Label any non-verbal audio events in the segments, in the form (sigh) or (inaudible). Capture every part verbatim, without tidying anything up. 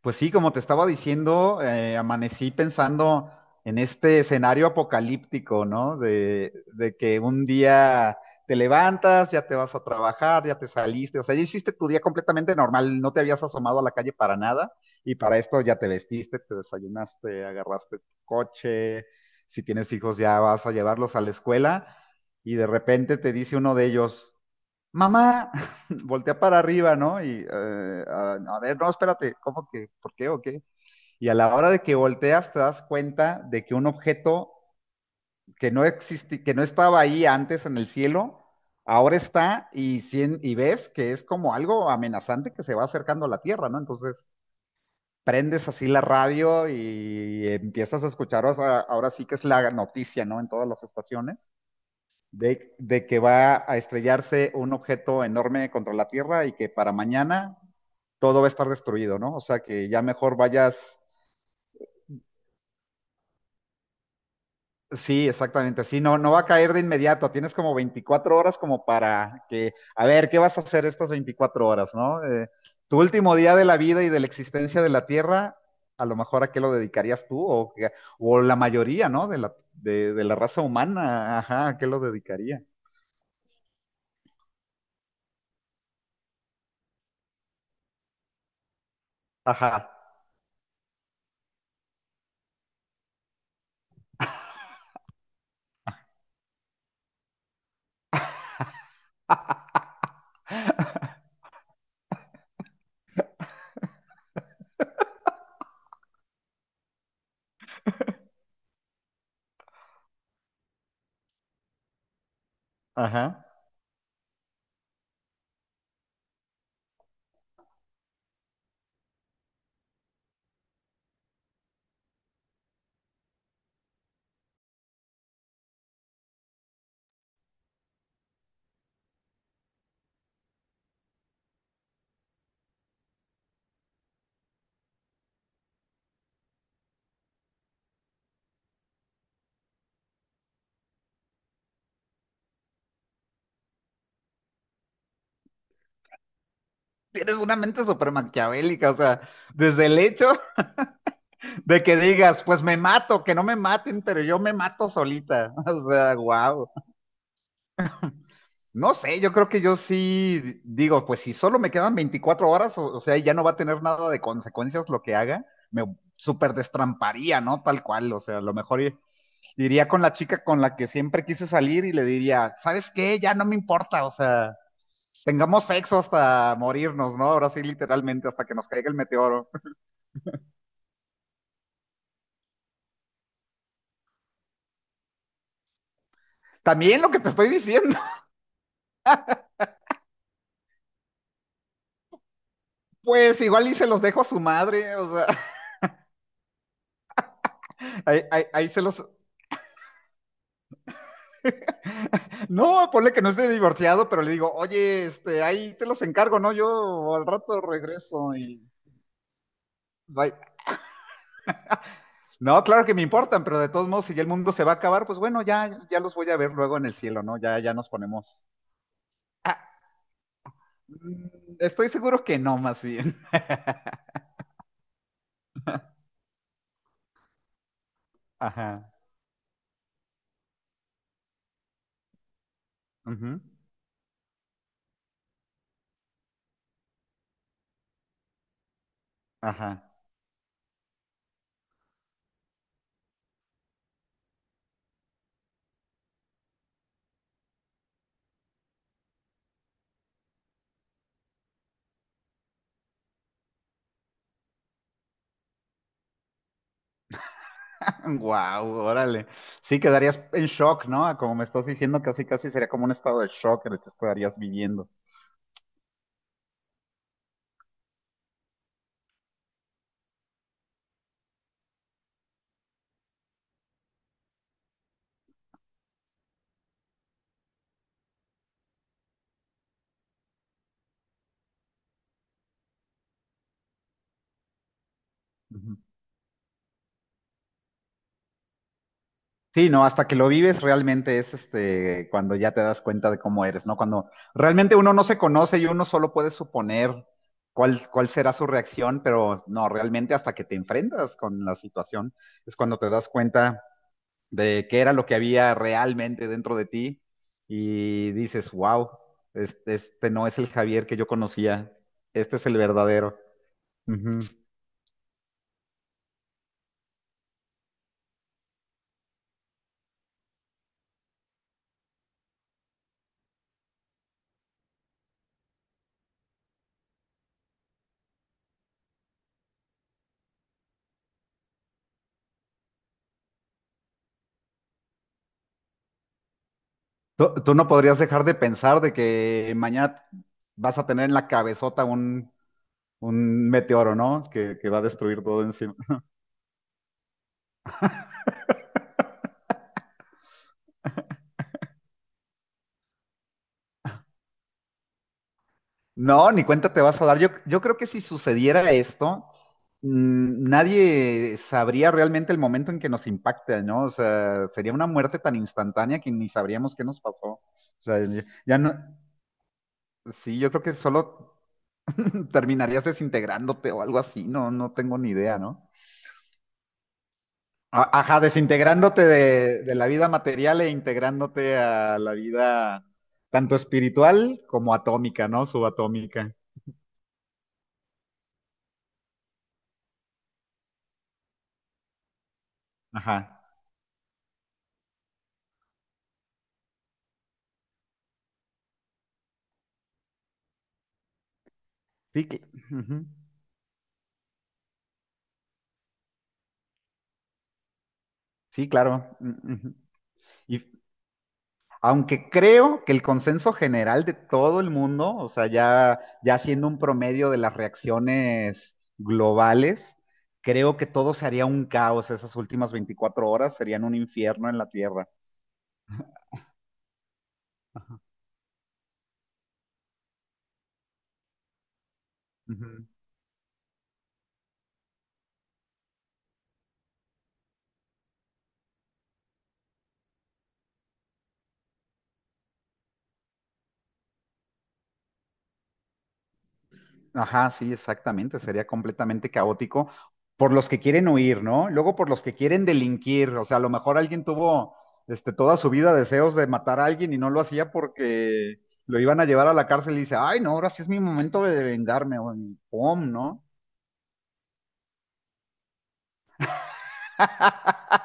Pues sí, como te estaba diciendo, eh, amanecí pensando en este escenario apocalíptico, ¿no? De, de que un día te levantas, ya te vas a trabajar, ya te saliste, o sea, ya hiciste tu día completamente normal, no te habías asomado a la calle para nada y para esto ya te vestiste, te desayunaste, agarraste tu coche, si tienes hijos ya vas a llevarlos a la escuela y de repente te dice uno de ellos, mamá, (laughs) voltea para arriba, ¿no? Y eh, a, a ver, no, espérate, ¿cómo que? ¿Por qué o qué? Y a la hora de que volteas te das cuenta de que un objeto que no existe, que no estaba ahí antes en el cielo, ahora está y, sien- y ves que es como algo amenazante que se va acercando a la Tierra, ¿no? Entonces prendes así la radio y empiezas a escuchar, o sea, ahora sí que es la noticia, ¿no? En todas las estaciones de, de que va a estrellarse un objeto enorme contra la Tierra y que para mañana todo va a estar destruido, ¿no? O sea, que ya mejor vayas. Sí, exactamente. Sí, no, no va a caer de inmediato. Tienes como veinticuatro horas como para que, a ver, ¿qué vas a hacer estas veinticuatro horas, no? Eh, tu último día de la vida y de la existencia de la Tierra, a lo mejor a qué lo dedicarías tú o, o la mayoría, ¿no? De la, de, de la raza humana, ajá, ¿a qué lo dedicaría? Ajá, ajá. Tienes una mente súper maquiavélica, o sea, desde el hecho de que digas, pues me mato, que no me maten, pero yo me mato solita. (laughs) O sea, wow. No sé, yo creo que yo sí digo, pues si solo me quedan veinticuatro horas, o, o sea, ya no va a tener nada de consecuencias lo que haga, me súper destramparía, ¿no? Tal cual, o sea, a lo mejor i- iría con la chica con la que siempre quise salir y le diría, ¿sabes qué? Ya no me importa, o sea, tengamos sexo hasta morirnos, ¿no? Ahora sí, literalmente, hasta que nos caiga el meteoro. También lo que te estoy diciendo, (laughs) pues igual y se los dejo a su madre, o sea, (laughs) ahí, ahí- ahí se los... (laughs) No, ponle que no esté divorciado, pero le digo, oye, este, ahí te los encargo, ¿no? Yo al rato regreso y... bye". No, claro que me importan, pero de todos modos, si ya el mundo se va a acabar, pues bueno, ya, ya los voy a ver luego en el cielo, ¿no? Ya, ya nos ponemos... Ah, mm, estoy seguro que no, más bien. (laughs) Ajá. Ujú, ajá. Wow, órale. Sí, quedarías en shock, ¿no? Como me estás diciendo, casi casi sería como un estado de shock en el que te estarías viviendo. Ujú. Sí, no, hasta que lo vives realmente es este cuando ya te das cuenta de cómo eres, ¿no? Cuando realmente uno no se conoce y uno solo puede suponer cuál, cuál será su reacción, pero no, realmente hasta que te enfrentas con la situación es cuando te das cuenta de qué era lo que había realmente dentro de ti y dices, wow, este, este no es el Javier que yo conocía, este es el verdadero. Ujú. Tú, tú no podrías dejar de pensar de que mañana vas a tener en la cabezota un, un meteoro, ¿no? Que, que va a destruir todo encima. No, ni cuenta te vas a dar. Yo, yo creo que si sucediera esto, mm, nadie sabría realmente el momento en que nos impacta, ¿no? O sea, sería una muerte tan instantánea que ni sabríamos qué nos pasó. O sea, ya ya no, sí, yo creo que solo (laughs) terminarías desintegrándote o algo así, no, no tengo ni idea, ¿no? A- Ajá, desintegrándote de, de la vida material e integrándote a la vida tanto espiritual como atómica, ¿no? Subatómica. Ajá. Sí que. Ujú. Sí, claro. Mm, ujú. Y aunque creo que el consenso general de todo el mundo, o sea, ya, ya siendo un promedio de las reacciones globales, creo que todo sería un caos esas últimas veinticuatro horas, serían un infierno en la Tierra. Ajá, sí, exactamente, sería completamente caótico por los que quieren huir, ¿no? Luego por los que quieren delinquir, o sea, a lo mejor alguien tuvo este, toda su vida deseos de matar a alguien y no lo hacía porque lo iban a llevar a la cárcel y dice, ay, no, ahora sí es mi momento de vengarme, o en pum, ¿no? (laughs)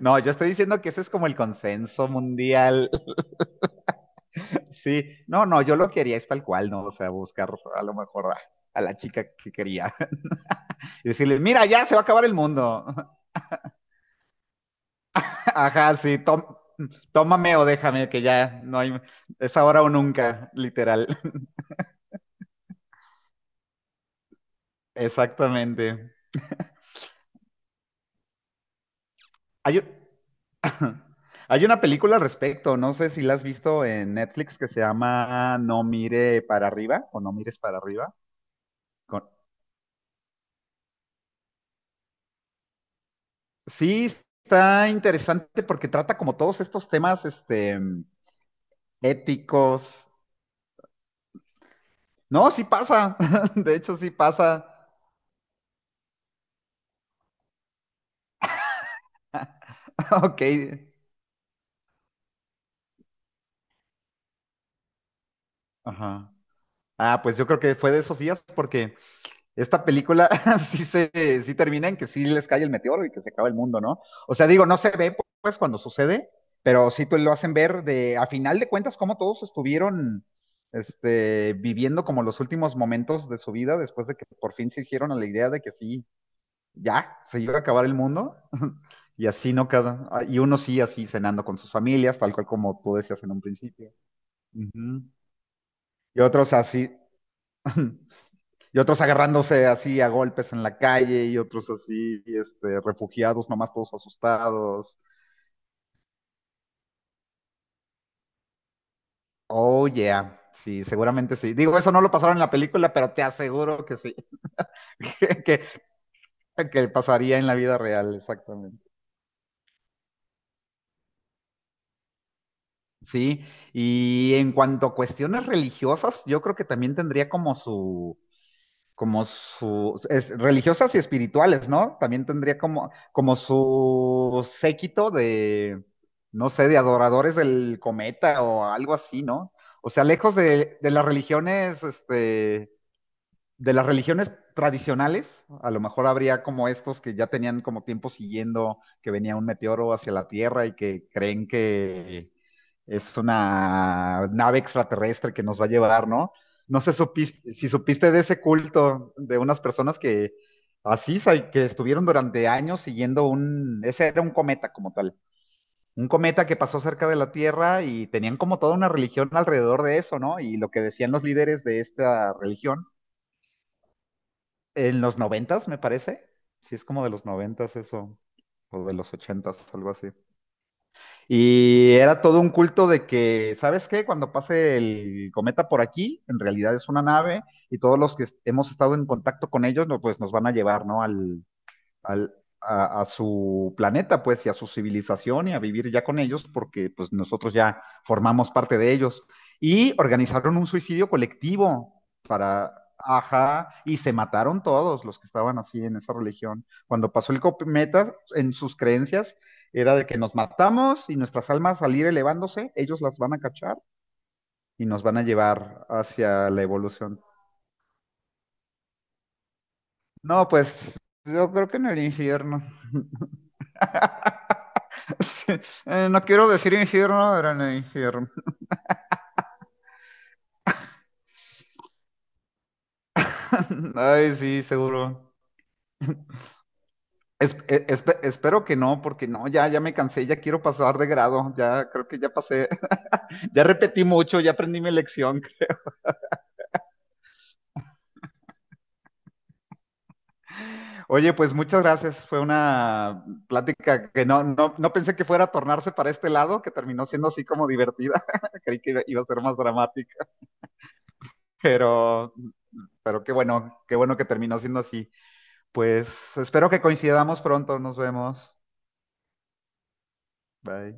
No, yo estoy diciendo que ese es como el consenso mundial, (laughs) sí, no, no, yo lo quería es tal cual, ¿no? O sea, buscar a lo mejor a, a la chica que quería (laughs) y decirle, mira, ya se va a acabar el mundo. Ajá, sí, tó- tómame o déjame, que ya no hay, es ahora o nunca, literal. (laughs) Exactamente. Hay, un- (clears throat) (laughs) hay una película al respecto, no sé si la has visto en Netflix que se llama No mire para arriba o No mires para arriba. Con- Sí, está interesante porque trata como todos estos temas, este, éticos. No, sí pasa, (laughs) de hecho sí pasa. (laughs) Ok. Ajá. Ah, pues yo creo que fue de esos días porque esta película (laughs) sí, se, sí termina en que sí les cae el meteoro y que se acaba el mundo, ¿no? O sea, digo, no se ve pues cuando sucede, pero sí te lo hacen ver de, a final de cuentas, cómo todos estuvieron este, viviendo como los últimos momentos de su vida después de que por fin se hicieron a la idea de que sí, ya, se iba a acabar el mundo. (laughs) Y así no cada, ah, y uno sí así cenando con sus familias, tal cual como tú decías en un principio. Ujú. Y otros así. (laughs) Y otros agarrándose así a golpes en la calle y otros así, este, refugiados, nomás todos asustados. Oh, yeah. Sí, seguramente sí. Digo, eso no lo pasaron en la película, pero te aseguro que sí, (laughs) que, que, que pasaría en la vida real, exactamente. Sí, y en cuanto a cuestiones religiosas, yo creo que también tendría como su, como sus es- religiosas y espirituales, ¿no? También tendría como, como su séquito de, no sé, de adoradores del cometa o algo así, ¿no? O sea, lejos de, de las religiones, este, de las religiones tradicionales, a lo mejor habría como estos que ya tenían como tiempo siguiendo que venía un meteoro hacia la Tierra y que creen que es una nave extraterrestre que nos va a llevar, ¿no? No sé supiste- si supiste de ese culto de unas personas que así, sa- que estuvieron durante años siguiendo un, ese era un cometa como tal, un cometa que pasó cerca de la Tierra y tenían como toda una religión alrededor de eso, ¿no? Y lo que decían los líderes de esta religión en los noventas, me parece. Sí, es como de los noventas eso, o de los ochentas, algo así. Y era todo un culto de que, ¿sabes qué? Cuando pase el cometa por aquí, en realidad es una nave y todos los que hemos estado en contacto con ellos, no, pues nos van a llevar, ¿no? Al, al- a, a su planeta, pues, y a su civilización y a vivir ya con ellos, porque pues nosotros ya formamos parte de ellos. Y organizaron un suicidio colectivo para, ajá, y se mataron todos los que estaban así en esa religión. Cuando pasó el cometa, en sus creencias era de que nos matamos y nuestras almas al ir elevándose, ellos las van a cachar y nos van a llevar hacia la evolución. No, pues yo creo que en el infierno. (laughs) (laughs) Eh, no quiero decir infierno, era en el infierno. (laughs) Ay, sí, seguro. Es- e- espe- espero que no, porque no, ya, ya me cansé, ya quiero pasar de grado, ya creo que ya pasé, (laughs) ya repetí mucho, ya aprendí mi lección. Oye, pues muchas gracias, fue una plática que no, no, no pensé que fuera a tornarse para este lado, que terminó siendo así como divertida, (laughs) creí que iba iba a ser más dramática, pero, pero qué bueno, qué bueno que terminó siendo así. Pues espero que coincidamos pronto, nos vemos. Bye.